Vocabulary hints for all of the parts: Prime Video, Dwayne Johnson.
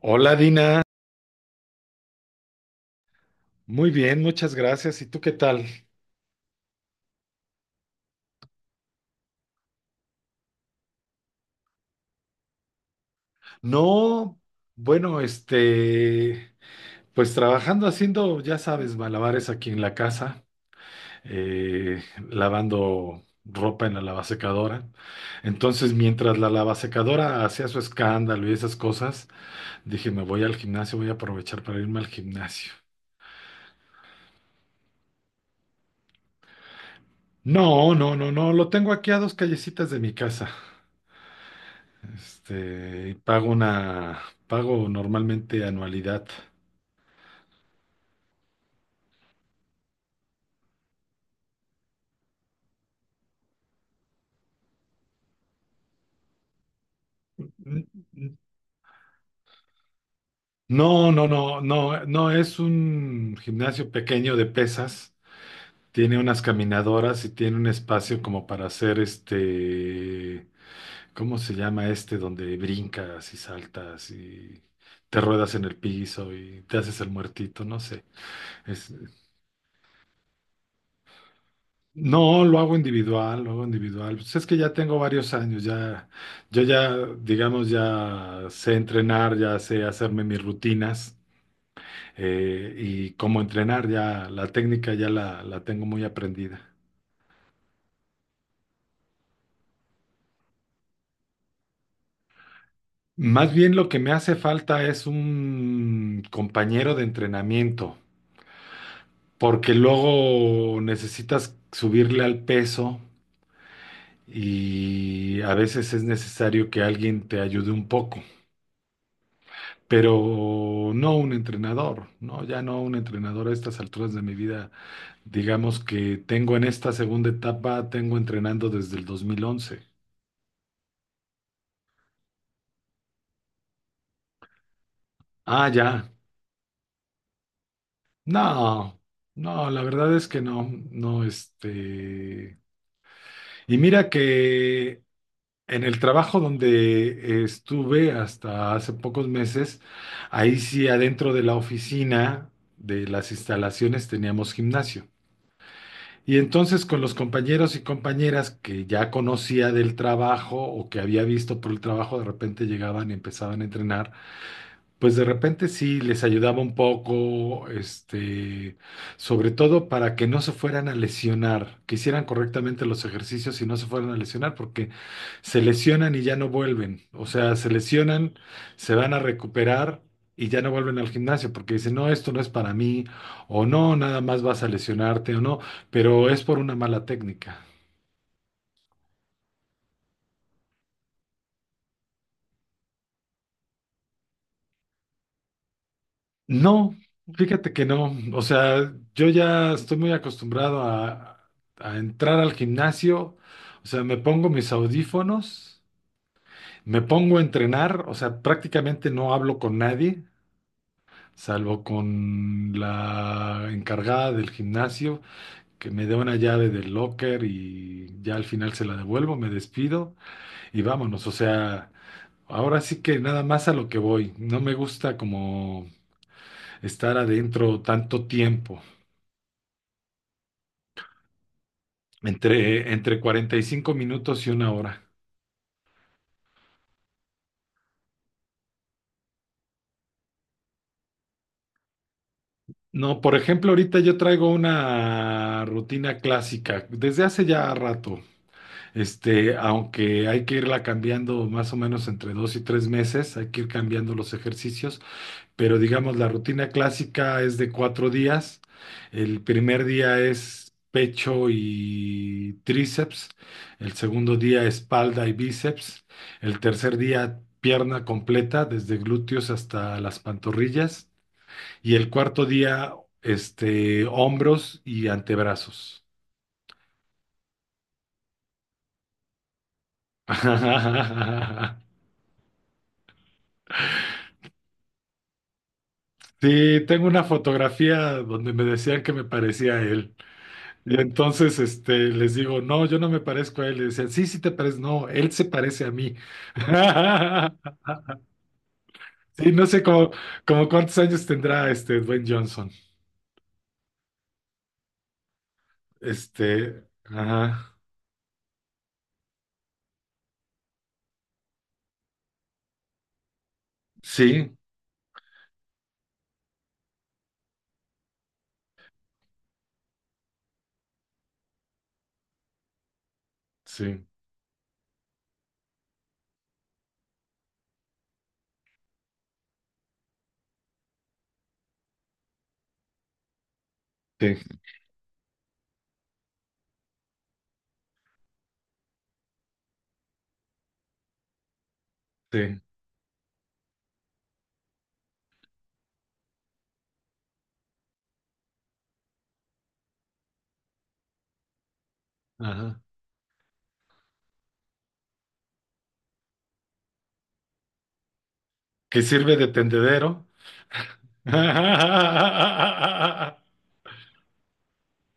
Hola Dina, muy bien, muchas gracias. ¿Y tú qué tal? No, bueno, pues trabajando haciendo, ya sabes, malabares aquí en la casa, eh, lavando ropa en la lavasecadora. Entonces, mientras la lavasecadora hacía su escándalo y esas cosas, dije, me voy al gimnasio, voy a aprovechar para irme al gimnasio. No, no, no, no, lo tengo aquí a dos callecitas de mi casa. Y pago normalmente anualidad. N- n- No, no, no, no, no, es un gimnasio pequeño de pesas. Tiene unas caminadoras y tiene un espacio como para hacer ¿cómo se llama este? Donde brincas y saltas y te ruedas en el piso y te haces el muertito, no sé. Es- no, lo hago individual, lo hago individual. Pues es que ya tengo varios años, yo ya, digamos, ya sé entrenar, ya sé hacerme mis rutinas. Y cómo entrenar, ya la técnica ya la tengo muy aprendida. Más bien lo que me hace falta es un compañero de entrenamiento, porque luego necesitas subirle al peso y a veces es necesario que alguien te ayude un poco, pero no un entrenador, no, ya no un entrenador a estas alturas de mi vida. Digamos que tengo en esta segunda etapa, tengo entrenando desde el 2011. Ah, ya. No, no, la verdad es que no, no. Y mira que en el trabajo donde estuve hasta hace pocos meses, ahí sí adentro de la oficina, de las instalaciones, teníamos gimnasio. Y entonces con los compañeros y compañeras que ya conocía del trabajo o que había visto por el trabajo, de repente llegaban y empezaban a entrenar. Pues de repente sí les ayudaba un poco, sobre todo para que no se fueran a lesionar, que hicieran correctamente los ejercicios y no se fueran a lesionar, porque se lesionan y ya no vuelven. O sea, se lesionan, se van a recuperar y ya no vuelven al gimnasio, porque dicen, no, esto no es para mí, o no, nada más vas a lesionarte, o no, pero es por una mala técnica. No, fíjate que no. O sea, yo ya estoy muy acostumbrado a entrar al gimnasio. O sea, me pongo mis audífonos, me pongo a entrenar. O sea, prácticamente no hablo con nadie, salvo con la encargada del gimnasio, que me dé una llave del locker y ya al final se la devuelvo, me despido y vámonos. O sea, ahora sí que nada más a lo que voy. No me gusta como estar adentro tanto tiempo. Entre 45 minutos y una hora. No, por ejemplo, ahorita yo traigo una rutina clásica desde hace ya rato. Aunque hay que irla cambiando más o menos entre 2 y 3 meses, hay que ir cambiando los ejercicios, pero digamos la rutina clásica es de 4 días. El primer día es pecho y tríceps, el segundo día espalda y bíceps, el tercer día pierna completa, desde glúteos hasta las pantorrillas, y el cuarto día, hombros y antebrazos. Sí, tengo una fotografía donde me decían que me parecía a él. Y entonces les digo, no, yo no me parezco a él. Y decían, sí, sí te pareces. No, él se parece a mí. Sí, no sé cómo cuántos años tendrá este Dwayne Johnson. Ajá. Sí, sí, sí, sí, ajá. Que sirve de tendedero.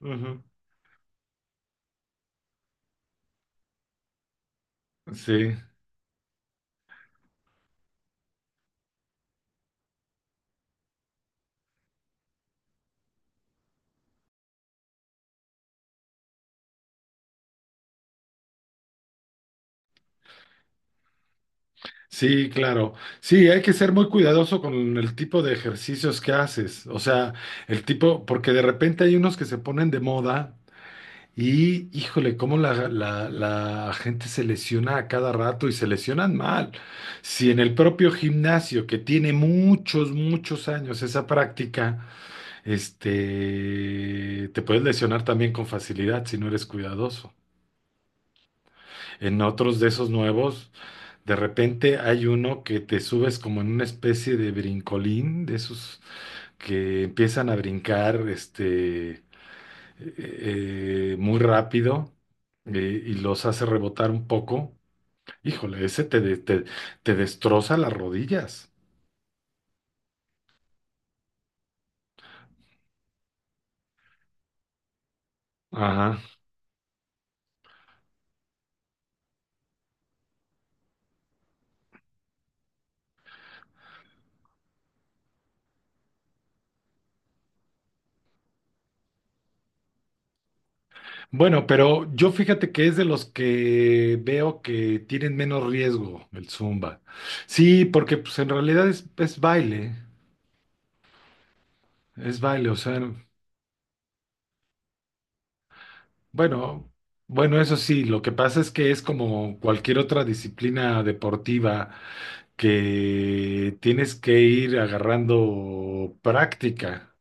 Ujú. Sí, sí, claro. Sí, hay que ser muy cuidadoso con el tipo de ejercicios que haces. O sea, el tipo, porque de repente hay unos que se ponen de moda. Y híjole, cómo la gente se lesiona a cada rato y se lesionan mal. Si en el propio gimnasio, que tiene muchos, muchos años esa práctica, te puedes lesionar también con facilidad si no eres cuidadoso. En otros de esos nuevos, de repente hay uno que te subes como en una especie de brincolín, de esos que empiezan a brincar, muy rápido, y los hace rebotar un poco, híjole, ese te, te destroza las rodillas. Ajá. Bueno, pero yo fíjate que es de los que veo que tienen menos riesgo el zumba. Sí, porque pues en realidad es baile, es baile, o sea, bueno, bueno, eso sí, lo que pasa es que es como cualquier otra disciplina deportiva que tienes que ir agarrando práctica,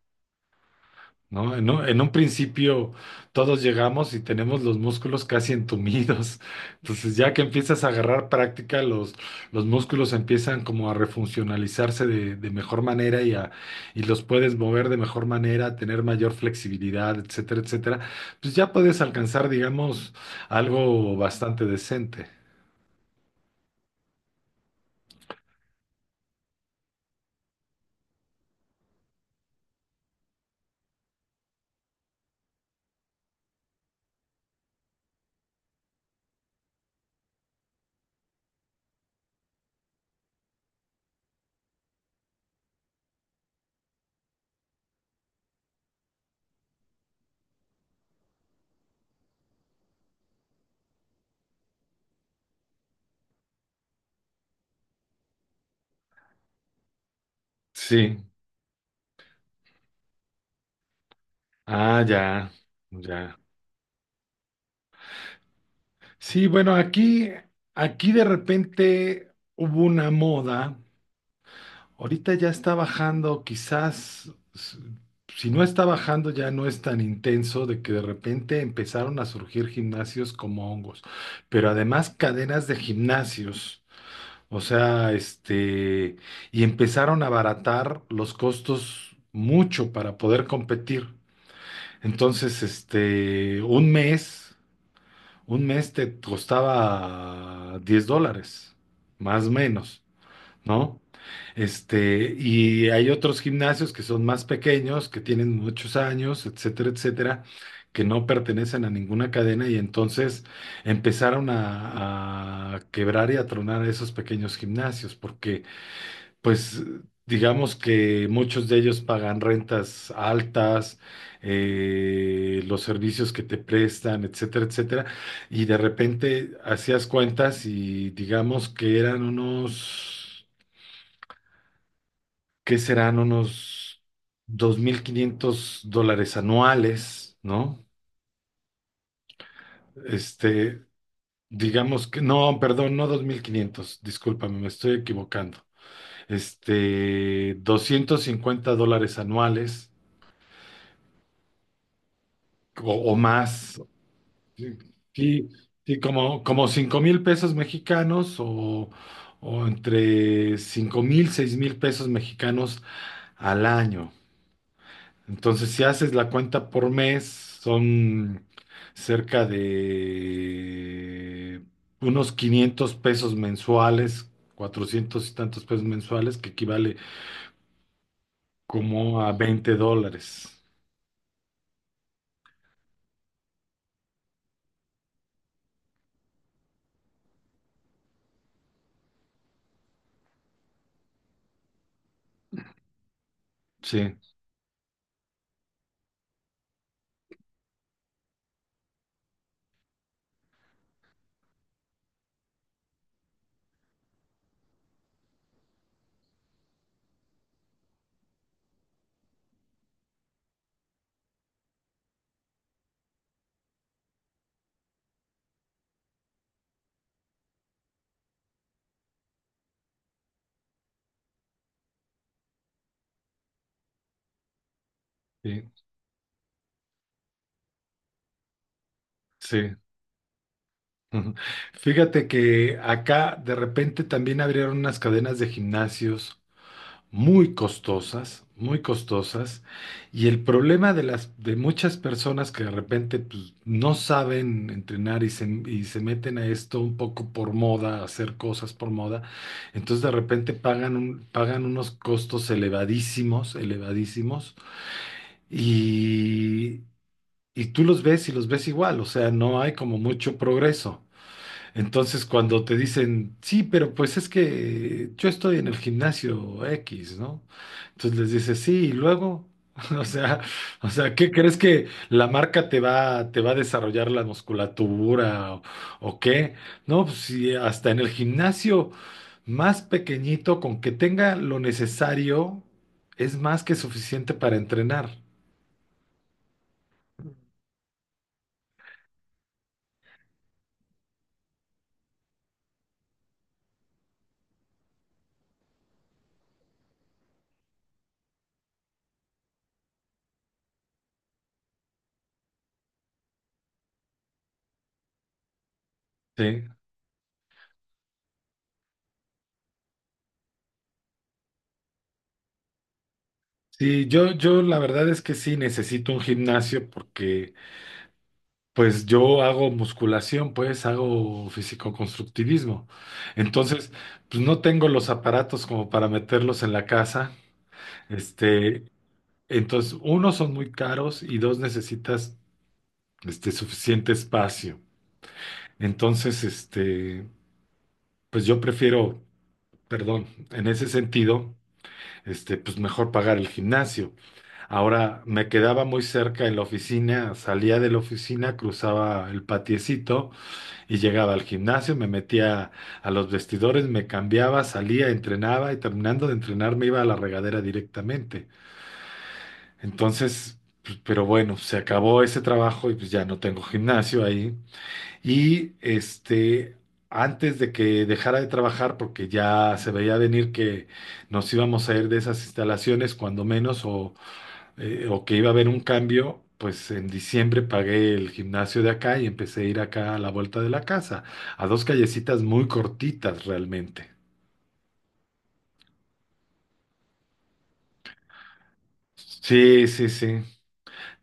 ¿no? En un principio todos llegamos y tenemos los músculos casi entumidos. Entonces, ya que empiezas a agarrar práctica, los músculos empiezan como a refuncionalizarse de mejor manera y, a, y los puedes mover de mejor manera, tener mayor flexibilidad, etcétera, etcétera. Pues ya puedes alcanzar, digamos, algo bastante decente. Sí. Ah, ya, ya. Sí, bueno, aquí de repente hubo una moda. Ahorita ya está bajando, quizás, si no está bajando, ya no es tan intenso de que de repente empezaron a surgir gimnasios como hongos, pero además cadenas de gimnasios. O sea, y empezaron a abaratar los costos mucho para poder competir. Entonces, un mes. Un mes te costaba $10, más o menos, ¿no? Y hay otros gimnasios que son más pequeños, que tienen muchos años, etcétera, etcétera, que no pertenecen a ninguna cadena y entonces empezaron a quebrar y a tronar esos pequeños gimnasios porque pues digamos que muchos de ellos pagan rentas altas, los servicios que te prestan, etcétera, etcétera. Y de repente hacías cuentas y digamos que eran unos, ¿qué serán? Unos $2,500 anuales, ¿no? Este, digamos que, no, perdón, no 2,500, discúlpame, me estoy equivocando. $250 anuales. O, o más, sí, sí, sí, como, como 5,000 pesos mexicanos o entre 5,000, 6,000 pesos mexicanos al año. Entonces, si haces la cuenta por mes, son cerca de unos 500 pesos mensuales, 400 y tantos pesos mensuales, que equivale como a $20. Sí, sí, sí. Ujú. Fíjate que acá de repente también abrieron unas cadenas de gimnasios muy costosas, y el problema de las de muchas personas que de repente pues, no saben entrenar y y se meten a esto un poco por moda, a hacer cosas por moda, entonces de repente pagan pagan unos costos elevadísimos, elevadísimos, y y tú los ves y los ves igual, o sea, no hay como mucho progreso. Entonces, cuando te dicen, sí, pero pues es que yo estoy en el gimnasio X, ¿no? Entonces les dices, sí, y luego, o sea, o sea, ¿qué crees que la marca te va a desarrollar la musculatura o qué? No, pues sí, hasta en el gimnasio más pequeñito, con que tenga lo necesario, es más que suficiente para entrenar, ¿sí? Sí, yo la verdad es que sí necesito un gimnasio porque pues yo hago musculación, pues hago fisicoconstructivismo. Entonces, pues no tengo los aparatos como para meterlos en la casa. Este, entonces, uno, son muy caros y dos, necesitas suficiente espacio. Entonces, pues yo prefiero, perdón, en ese sentido, pues mejor pagar el gimnasio. Ahora me quedaba muy cerca en la oficina, salía de la oficina, cruzaba el patiecito y llegaba al gimnasio, me metía a los vestidores, me cambiaba, salía, entrenaba y terminando de entrenar me iba a la regadera directamente. Entonces, pues, pero bueno, se acabó ese trabajo y pues ya no tengo gimnasio ahí. Y antes de que dejara de trabajar, porque ya se veía venir que nos íbamos a ir de esas instalaciones, cuando menos, o que iba a haber un cambio, pues en diciembre pagué el gimnasio de acá y empecé a ir acá a la vuelta de la casa, a dos callecitas muy cortitas realmente. Sí, sí, sí.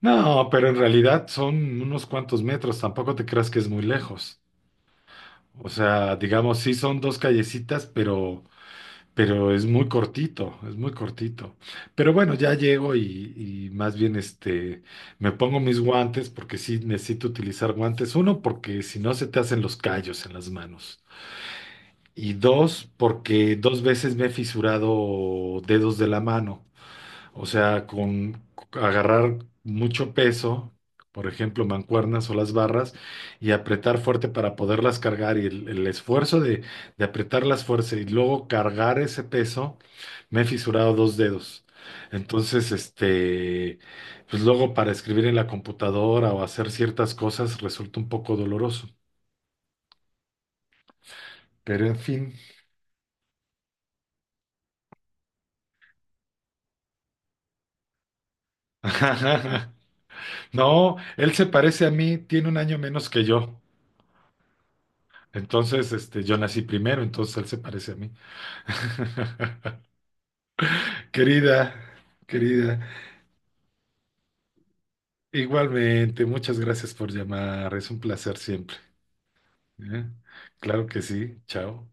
No, pero en realidad son unos cuantos metros, tampoco te creas que es muy lejos. O sea, digamos, sí son dos callecitas, pero es muy cortito, es muy cortito. Pero bueno, ya llego y más bien me pongo mis guantes porque sí necesito utilizar guantes. Uno, porque si no se te hacen los callos en las manos. Y dos, porque dos veces me he fisurado dedos de la mano. O sea, con agarrar mucho peso, por ejemplo, mancuernas o las barras, y apretar fuerte para poderlas cargar. Y el esfuerzo de apretarlas fuerte y luego cargar ese peso, me he fisurado dos dedos. Entonces, pues luego para escribir en la computadora o hacer ciertas cosas resulta un poco doloroso. Pero en fin. No, él se parece a mí, tiene un año menos que yo. Entonces, yo nací primero, entonces él se parece a mí. Querida, querida, igualmente, muchas gracias por llamar, es un placer siempre. ¿Eh? Claro que sí, chao.